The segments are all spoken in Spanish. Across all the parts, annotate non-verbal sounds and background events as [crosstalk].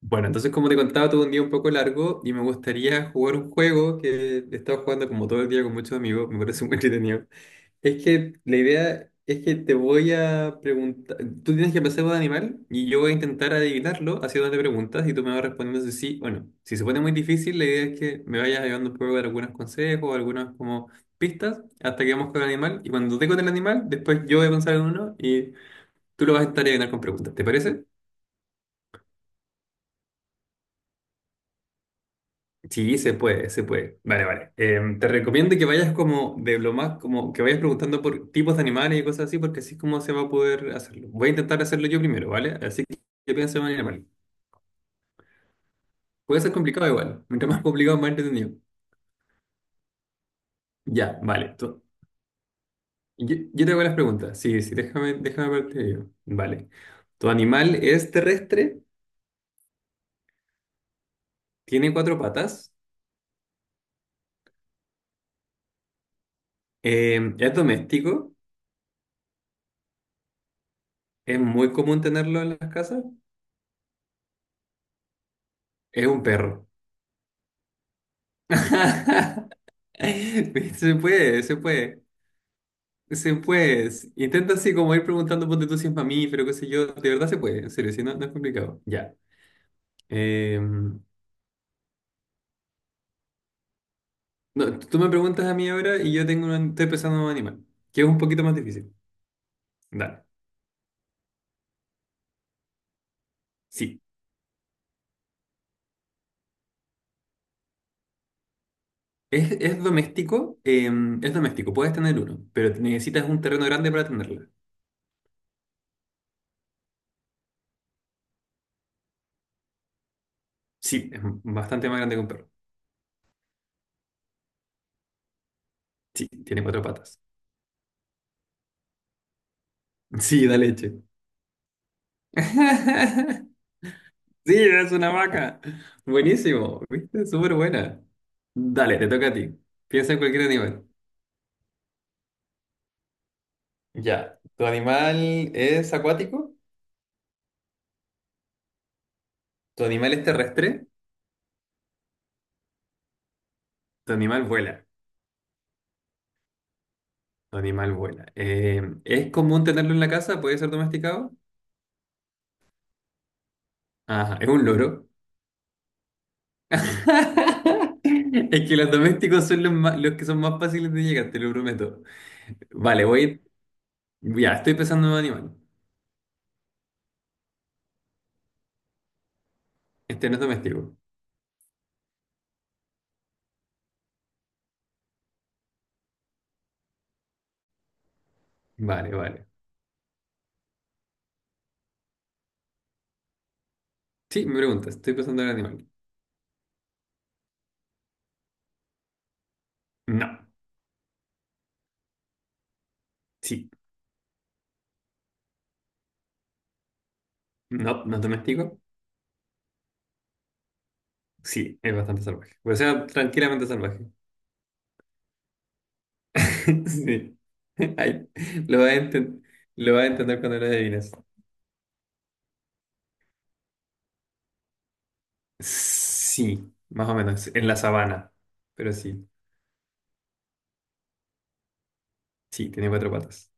Bueno, entonces como te contaba, tuve un día un poco largo y me gustaría jugar un juego que he estado jugando como todo el día con muchos amigos, me parece muy entretenido. Es que la idea es que te voy a preguntar, tú tienes que pensar un animal y yo voy a intentar adivinarlo haciéndote preguntas y tú me vas respondiendo si sí o no. Si se pone muy difícil, la idea es que me vayas ayudando un poco de algunos consejos, algunas como pistas, hasta que vamos con el animal y cuando te con el animal, después yo voy a pensar en uno y tú lo vas a intentar adivinar con preguntas, ¿te parece? Sí, se puede, se puede. Vale, vale. Te recomiendo que vayas como de lo más, como que vayas preguntando por tipos de animales y cosas así, porque así es como se va a poder hacerlo. Voy a intentar hacerlo yo primero, ¿vale? Así que yo pienso en un animal. Puede ser complicado igual. Mientras más complicado, más entretenido. Ya, vale. Yo te hago las preguntas. Sí, sí, déjame verte yo. Vale. ¿Tu animal es terrestre? ¿Tiene cuatro patas? ¿Es doméstico? ¿Es muy común tenerlo en las casas? ¿Es un perro? [laughs] [laughs] Se puede, se puede, se puede. Intenta así como ir preguntando, ponte tú si es mamífero, qué sé yo. De verdad se puede, en serio, si no, no es complicado. Ya. Eh, no, tú me preguntas a mí ahora y yo tengo un, estoy pensando en un animal, que es un poquito más difícil. Dale. Sí. Es doméstico, es doméstico, puedes tener uno, pero necesitas un terreno grande para tenerla. Sí, es bastante más grande que un perro. Sí, tiene cuatro patas. [laughs] Sí, da leche. [laughs] Sí, es una vaca. Buenísimo, ¿viste? Súper buena. Dale, te toca a ti. Piensa en cualquier animal. Ya. ¿Tu animal es acuático? ¿Tu animal es terrestre? ¿Tu animal vuela? Tu animal vuela. ¿Es común tenerlo en la casa? ¿Puede ser domesticado? Ajá, es un loro. [laughs] Es que los domésticos son los que son más fáciles de llegar, te lo prometo. Vale, voy. Ya, estoy pensando en un animal. Este no es doméstico. Vale, vale. Sí, me preguntas, estoy pensando en un animal. No. Sí, no, no doméstico. Sí, es bastante salvaje. O sea, tranquilamente salvaje. [laughs] Sí. Ay, lo vas a enten- lo vas a entender cuando lo adivines. Sí, más o menos, en la sabana. Pero sí, sí, tiene cuatro patas.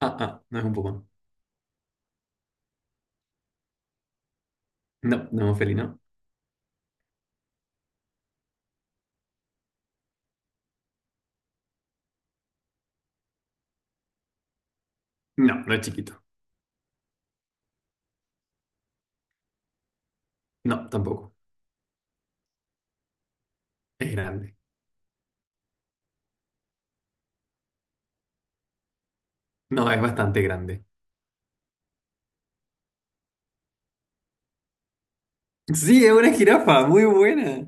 No es un puma. No, no es un felino. No, no es chiquito. No, tampoco. Es grande. No, es bastante grande. Sí, es una jirafa, muy buena.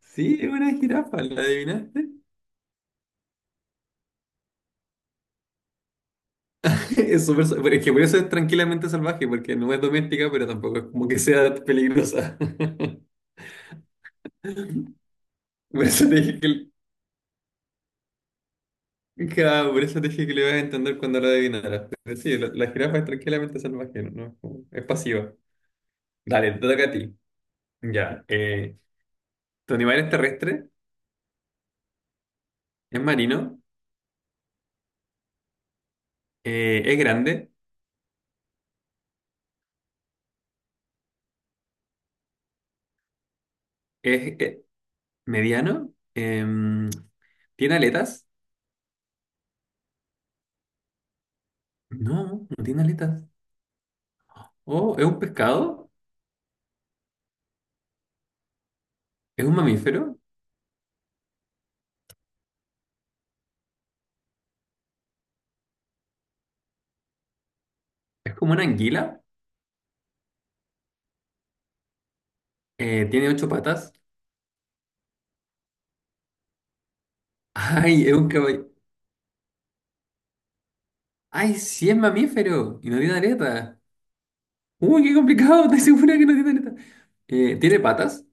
Sí, es una jirafa, ¿la adivinaste? [laughs] Es súper, pero es que por eso es tranquilamente salvaje, porque no es doméstica, pero tampoco es como que sea peligrosa. [laughs] Por eso te dije que, ja, por eso te dije que lo ibas a entender cuando lo adivinaras. Pero sí, la jirafa es tranquilamente salvaje, no, no es pasiva. Dale, te toca a ti. Ya. ¿Tu animal es terrestre? ¿Es marino? ¿Es grande? ¿Es mediano? ¿Tiene aletas? No, no tiene aletas. Oh, ¿es un pescado? ¿Es un mamífero? ¿Es como una anguila? ¿Tiene ocho patas? [laughs] Ay, es un caballo. Ay, sí es mamífero y no tiene aleta. Uy, qué complicado, [laughs] estoy segura que no tiene aleta. ¿Tiene patas?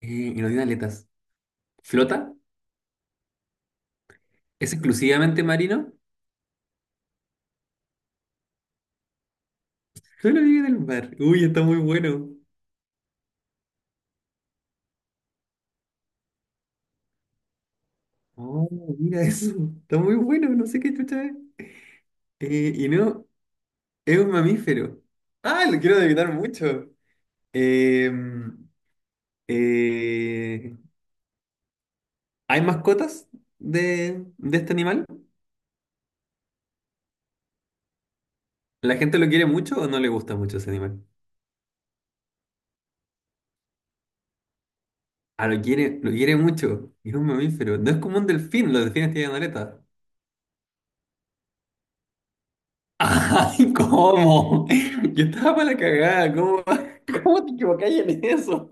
Eh, y no tiene aletas. ¿Flota? ¿Es exclusivamente marino? Solo vive en el mar. Uy, está muy bueno. Oh, mira eso. Está muy bueno, no sé qué chucha es. Y no, es un mamífero. Ah, lo quiero adivinar mucho. Em, eh, ¿Hay mascotas de este animal? ¿La gente lo quiere mucho o no le gusta mucho ese animal? Ah, lo quiere mucho. Es un mamífero. No es como un delfín, los delfines tienen aleta. [laughs] ¡Ay, cómo! Yo estaba para la cagada, ¿cómo, [laughs] cómo te equivocas en eso?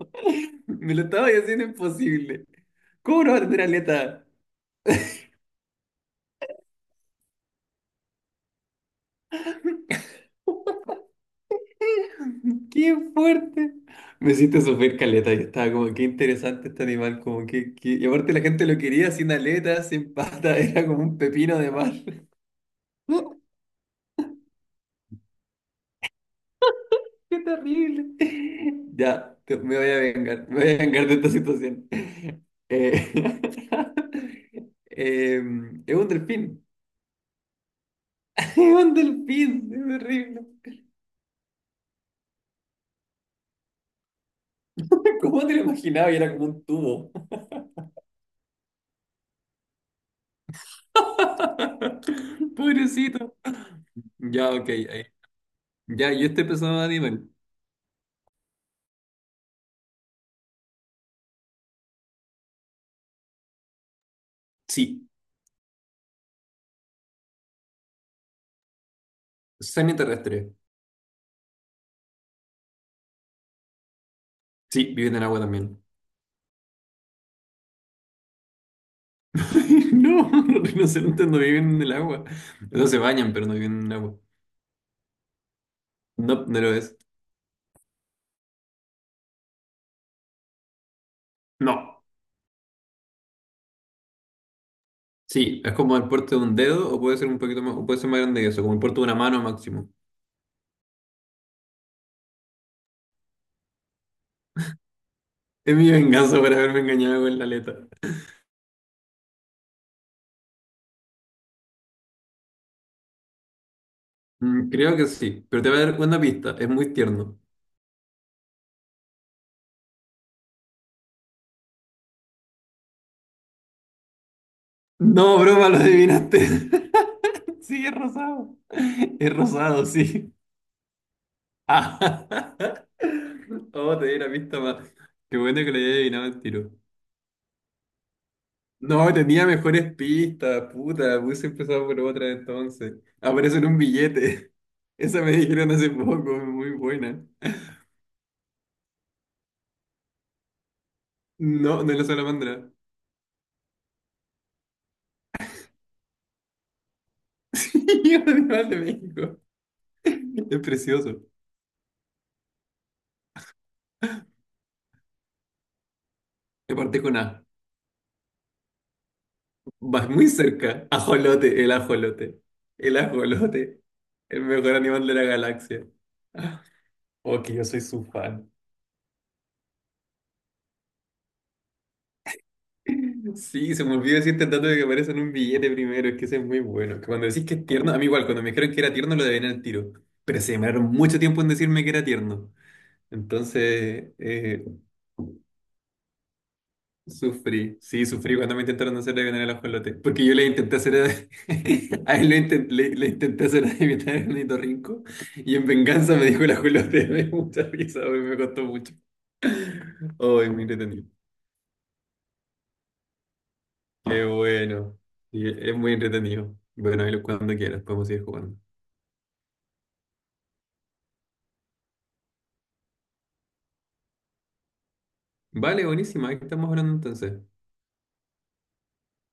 Me lo estaba haciendo imposible. ¿Cómo no va a tener aleta? [laughs] ¡Qué fuerte! Me hiciste sufrir caleta. Yo estaba como, qué interesante este animal, Y aparte la gente lo quería sin aleta, sin pata, [laughs] era como un pepino de mar. Qué terrible. [laughs] Ya, me voy a vengar, me voy a vengar de esta situación. Eh, [laughs] es un delfín. [laughs] Es un delfín, es terrible. [laughs] ¿Cómo te lo imaginaba? Y era como un tubo. [laughs] Pobrecito. Ya, ok, ahí. Ya, yo estoy pensando en animal. Sí, semiterrestre. Sí, viven en el agua también. [laughs] No, los rinocerontes no viven en el agua. No se bañan, pero no viven en el agua. No, no lo es. No. Sí, es como el puerto de un dedo o puede ser un poquito más, o puede ser más grande que eso, como el puerto de una mano máximo. [laughs] Es mi venganza por haberme engañado con la aleta. Mm, creo que sí, pero te voy a dar una pista, es muy tierno. No, broma, lo adivinaste. [laughs] Sí, es rosado. Es rosado, sí. Ah. [laughs] Oh, te di la pista más. Qué bueno que le haya adivinado el tiro. No, tenía mejores pistas, puta. Hubiese empezado por otra entonces. Aparece en un billete. [laughs] Esa me dijeron hace poco, muy buena. No, no es la salamandra. [laughs] Es un animal [laughs] de México. Es precioso. Y aparte con A. Vas muy cerca. Ajolote, el ajolote. El ajolote. El mejor animal de la galaxia. Ah, Oh, que yo soy su fan. Sí, se me olvidó decirte el dato de que aparece en un billete primero. Es que ese es muy bueno. Que cuando decís que es tierno, a mí igual, cuando me dijeron que era tierno lo adiviné al tiro. Pero se demoraron mucho tiempo en decirme que era tierno. Entonces, sufrí, sí, sufrí cuando me intentaron hacer adivinar el ajolote. Porque yo le intenté hacer a, [laughs] a él le, inten- le- le intenté hacer adivinar el ornitorrinco y en venganza me dijo el ajolote. [laughs] Me dio mucha risa, güey, me costó mucho. Oh, muy entretenido. Qué bueno. Sí, es muy entretenido. Bueno, cuando quieras, podemos ir jugando. Vale, buenísima, ahí estamos hablando entonces.